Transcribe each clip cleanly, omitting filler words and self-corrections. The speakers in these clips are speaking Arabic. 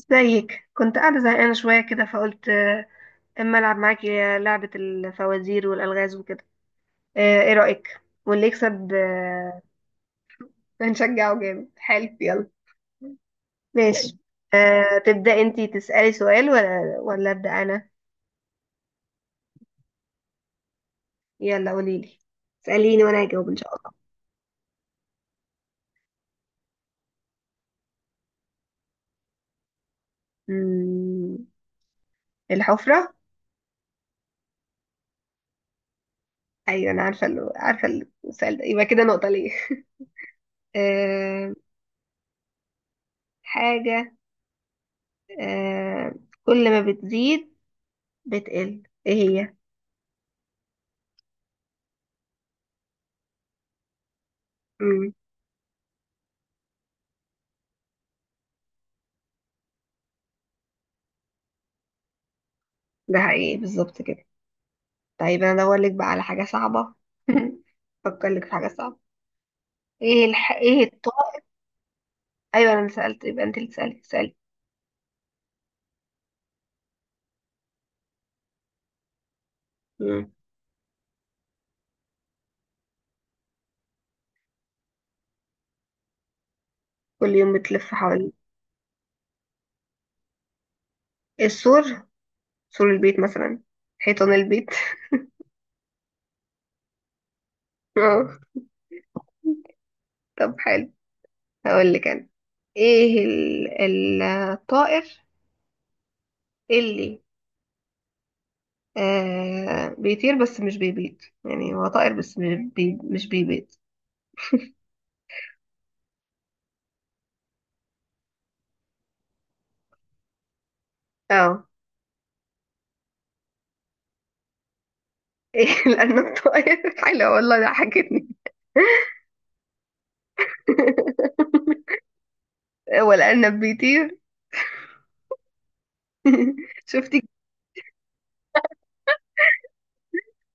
ازيك؟ كنت قاعدة زهقانة شوية كده فقلت اما العب معاكي لعبة الفوازير والألغاز وكده. ايه رأيك؟ واللي يكسب هنشجعه جامد. حلو يلا. ماشي. تبدأ انتي تسألي سؤال ولا أبدأ أنا؟ يلا قوليلي. اسأليني وأنا هجاوب إن شاء الله. مم، الحفرة. أيوة أنا عارفة، عارفة. السؤال ده يبقى كده نقطة ليه. آه، حاجة آه، كل ما بتزيد بتقل ايه هي؟ مم. ده حقيقي بالظبط كده. طيب انا ادور لك بقى على حاجه صعبه. افكر لك في حاجه صعبه. ايه الطار. ايوه انا اللي سالت، يبقى انت اللي سالت. مم. كل يوم بتلف حوالين. السور، سور البيت مثلا، حيطان البيت. آه. طب حلو. هقول لك انا. الطائر اللي بيطير بس مش بيبيض. يعني هو طائر بس مش بيبيض. اه. ايه لانه الطائر حلو والله ضحكتني. والأرنب بيطير. شفتي؟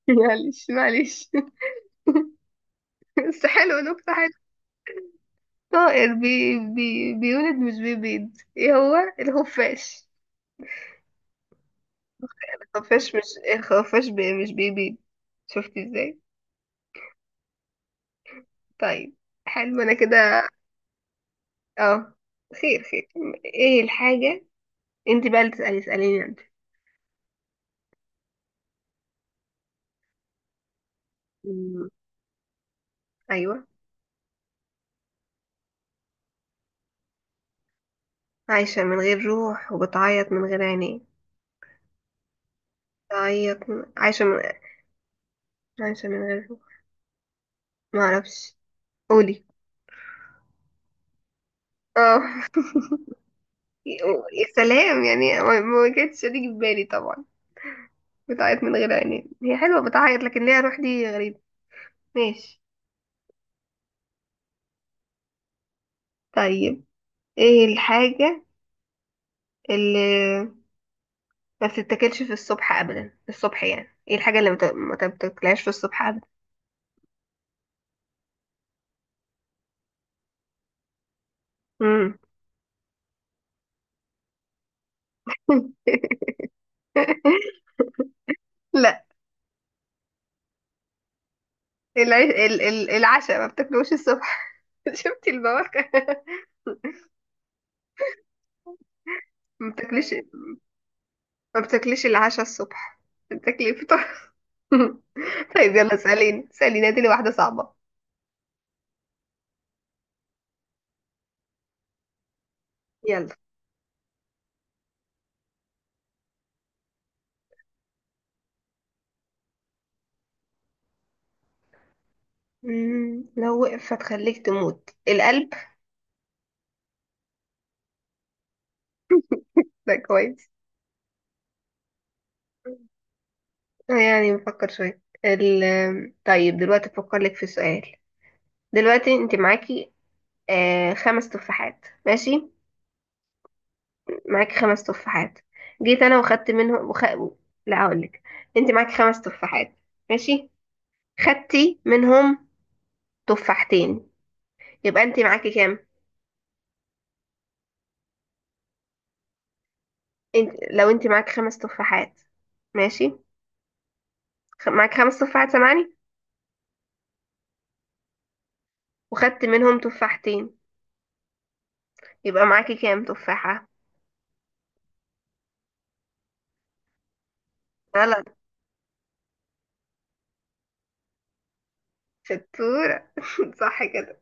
معلش معلش. بس حلو، نكتة حلوة. طائر بي بي بيولد مش بيبيض، ايه هو؟ الخفاش. الخفاش. مش الخفاش بي مش بيبيض؟ شفتي ازاي. طيب حلو انا كده. اه، خير خير. ايه الحاجة؟ انت بقى اللي تسألي، اسأليني انت. مم. ايوه، عايشة من غير روح وبتعيط من غير عينين. بتعيط من... عايشة من. عايشة من غير روح. معرفش، قولي. اه. يا سلام. يعني ما كانتش هتيجي في بالي طبعا. بتعيط من غير عينين هي حلوة، بتعيط لكن ليها روح دي غريبة. ماشي. طيب، ايه الحاجة اللي ما بتتاكلش في الصبح ابدا؟ في الصبح يعني. ايه الحاجة اللي ما بتاكلهاش في الصبح ابدا؟ مم. لا. العيش العشاء، ما بتاكلوش الصبح. شفتي البواكة. ما بتاكليش، ما بتاكليش العشاء الصبح، بتاكلي الفطار. طيب يلا اسأليني، اسأليني هاتيلي واحدة صعبة. يلا. مم. لو وقفت هتخليك تموت؟ القلب. ده كويس. يعني بفكر شوية طيب دلوقتي بفكر لك في سؤال. دلوقتي انت معاكي خمس تفاحات، ماشي؟ معاكي خمس تفاحات. جيت انا وخدت منهم لا هقول لك. انت معاكي خمس تفاحات، ماشي؟ خدتي منهم تفاحتين، يبقى انت معاكي كام؟ انت... لو انت معاكي خمس تفاحات، ماشي؟ معاك خمس تفاحات سامعني؟ وخدت منهم تفاحتين، يبقى معاكي كام تفاحة؟ غلط. شطورة. صح كده.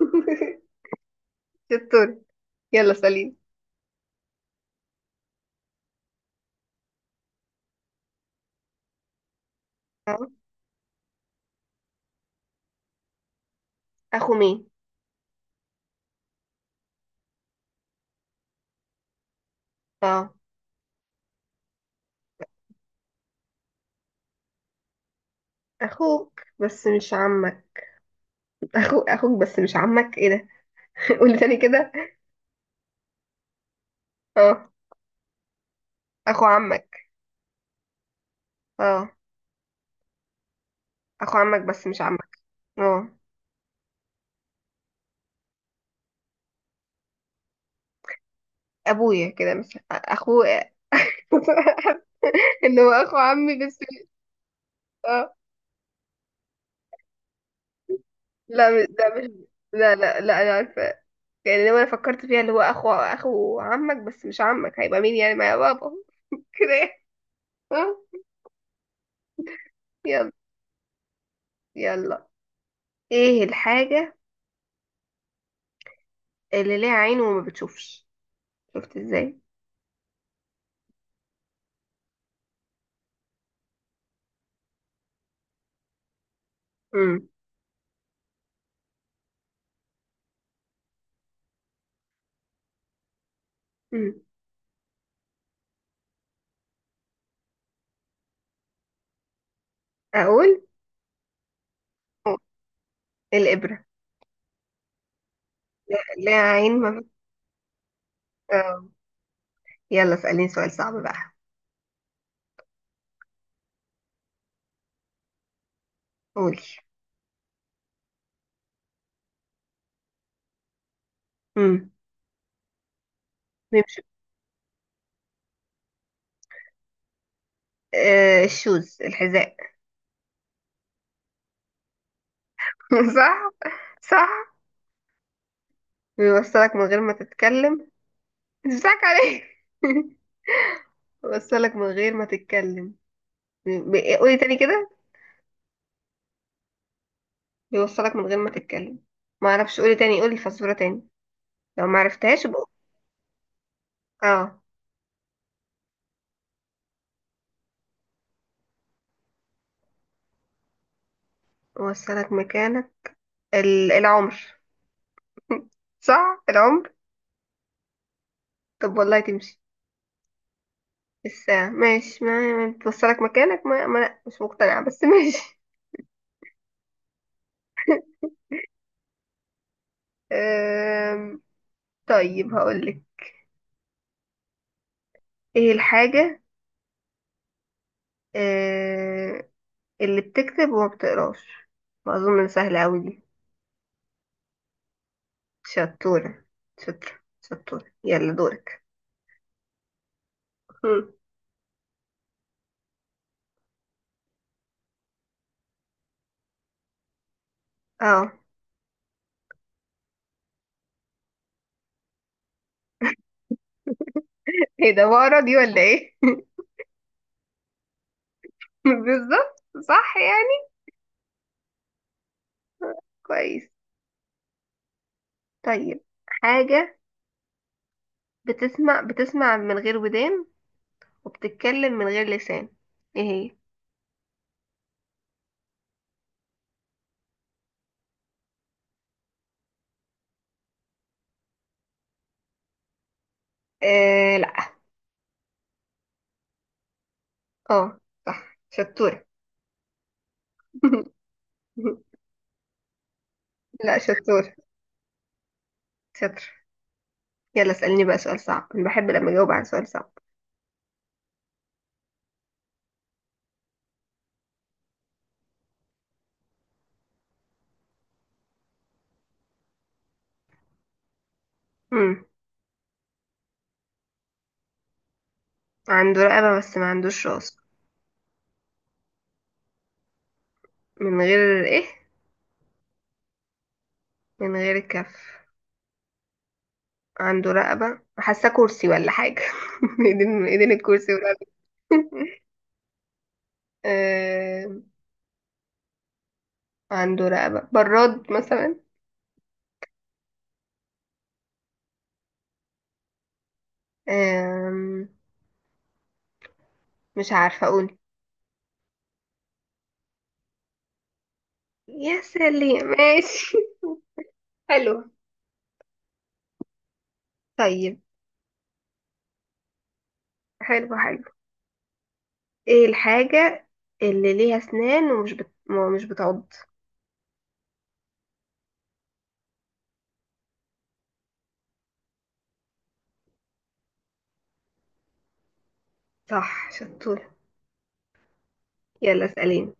شطورة. يلا سليم. اه. اخو مين؟ اه. اخوك بس مش عمك. اخو اخوك بس مش عمك، ايه ده. قولي تاني كده. اه. اخو عمك. اه. اخو عمك بس مش عمك. اه. ابويا كده مش اخوه. ان هو اخو عمي بس مش-. اه. لا مش- ده مش، لا لا لا انا عارفة. يعني لو انا فكرت فيها اللي هو اخو عمك بس مش عمك هيبقى مين يعني؟ ما يا بابا كده يعني. آه، يلا يلا، ايه الحاجة اللي ليها عين وما بتشوفش؟ شفت ازاي. امم. امم. اقول. الابرة. ليها عين، ما بت... آه. يلا اسأليني سؤال صعب بقى. قولي. امم. بيمشي. آه الشوز، الحذاء. صح. صح. بيوصلك من غير ما تتكلم. مش بتاعك عليه. بيوصلك من غير ما تتكلم. قولي تاني كده. بيوصلك من غير ما تتكلم. ما اعرفش، قولي تاني، قولي الفزورة تاني. لو ما عرفتهاش يبقى اه، وصلك مكانك. العمر. صح العمر. طب والله تمشي؟ الساعة. ماشي، ما، ما توصلك مكانك، ما لا مش مقتنعة بس ماشي. أم... طيب هقولك. ايه الحاجة. أه... اللي بتكتب وما بتقراش. ما اظن سهلة اوي دي. شطورة، شطرة، شطورة يلا دورك. اه. ايه ده، بقرا دي ولا ايه؟ بالظبط، صح يعني. كويس. طيب. حاجة بتسمع، بتسمع من غير ودان وبتتكلم من غير لسان، ايه هي؟ آه لا. اه، صح شطورة. لا شطور، شطر. يلا اسألني بقى سؤال صعب، انا بحب لما اجاوب على سؤال صعب. امم. عنده رقبة بس ما عندوش راس. من غير ايه؟ من غير كف. عنده رقبة، حاسة كرسي ولا حاجة. ايدين الكرسي والرقبة. عنده رقبة براد مثلا. أم... مش عارفة أقول. يا سلام ماشي. حلو. طيب. حلو حلو. ايه الحاجة اللي ليها أسنان ومش بت... مش بتعض؟ صح شطور. يلا اسأليني.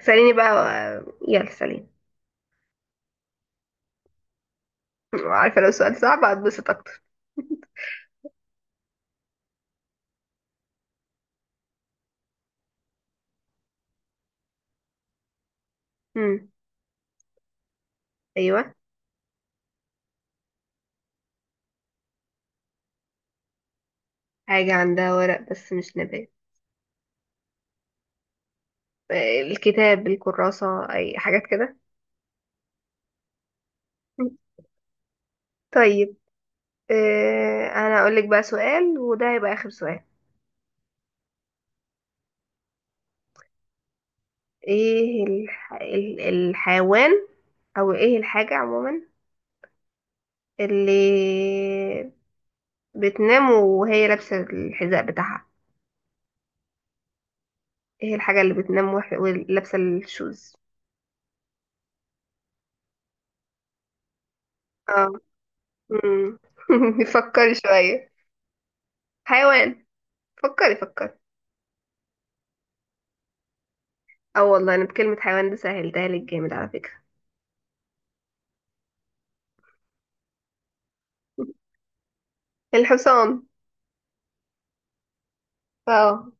اسأليني بقى. يلا اسأليني. عارفة لو سؤال صعب هتبسط أكتر. مم. أيوة. حاجة عندها ورق بس مش نبات. آه، الكتاب، الكراسة، أي حاجات كده. طيب أنا أقولك بقى سؤال وده هيبقى آخر سؤال. الحيوان، او ايه الحاجة عموما اللي بتنام وهي لابسة الحذاء بتاعها؟ ايه الحاجة اللي بتنام ولابسة الشوز؟ اه. مم. فكري شوية. حيوان. فكري فكري. اه والله انا بكلمة حيوان دي سهلتها لك جامد على فكرة. الحصان. اه.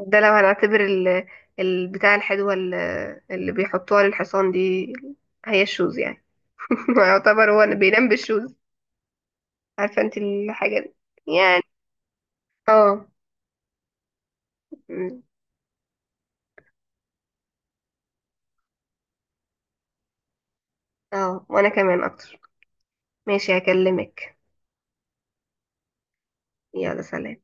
ده لو هنعتبر البتاع الحلوة اللي بيحطوها للحصان دي هي الشوز يعني. يعتبر هو بينام بالشوز. عارفة انت الحاجة دي يعني اه. مم. اه وانا كمان اكتر. ماشي هكلمك. يلا سلام.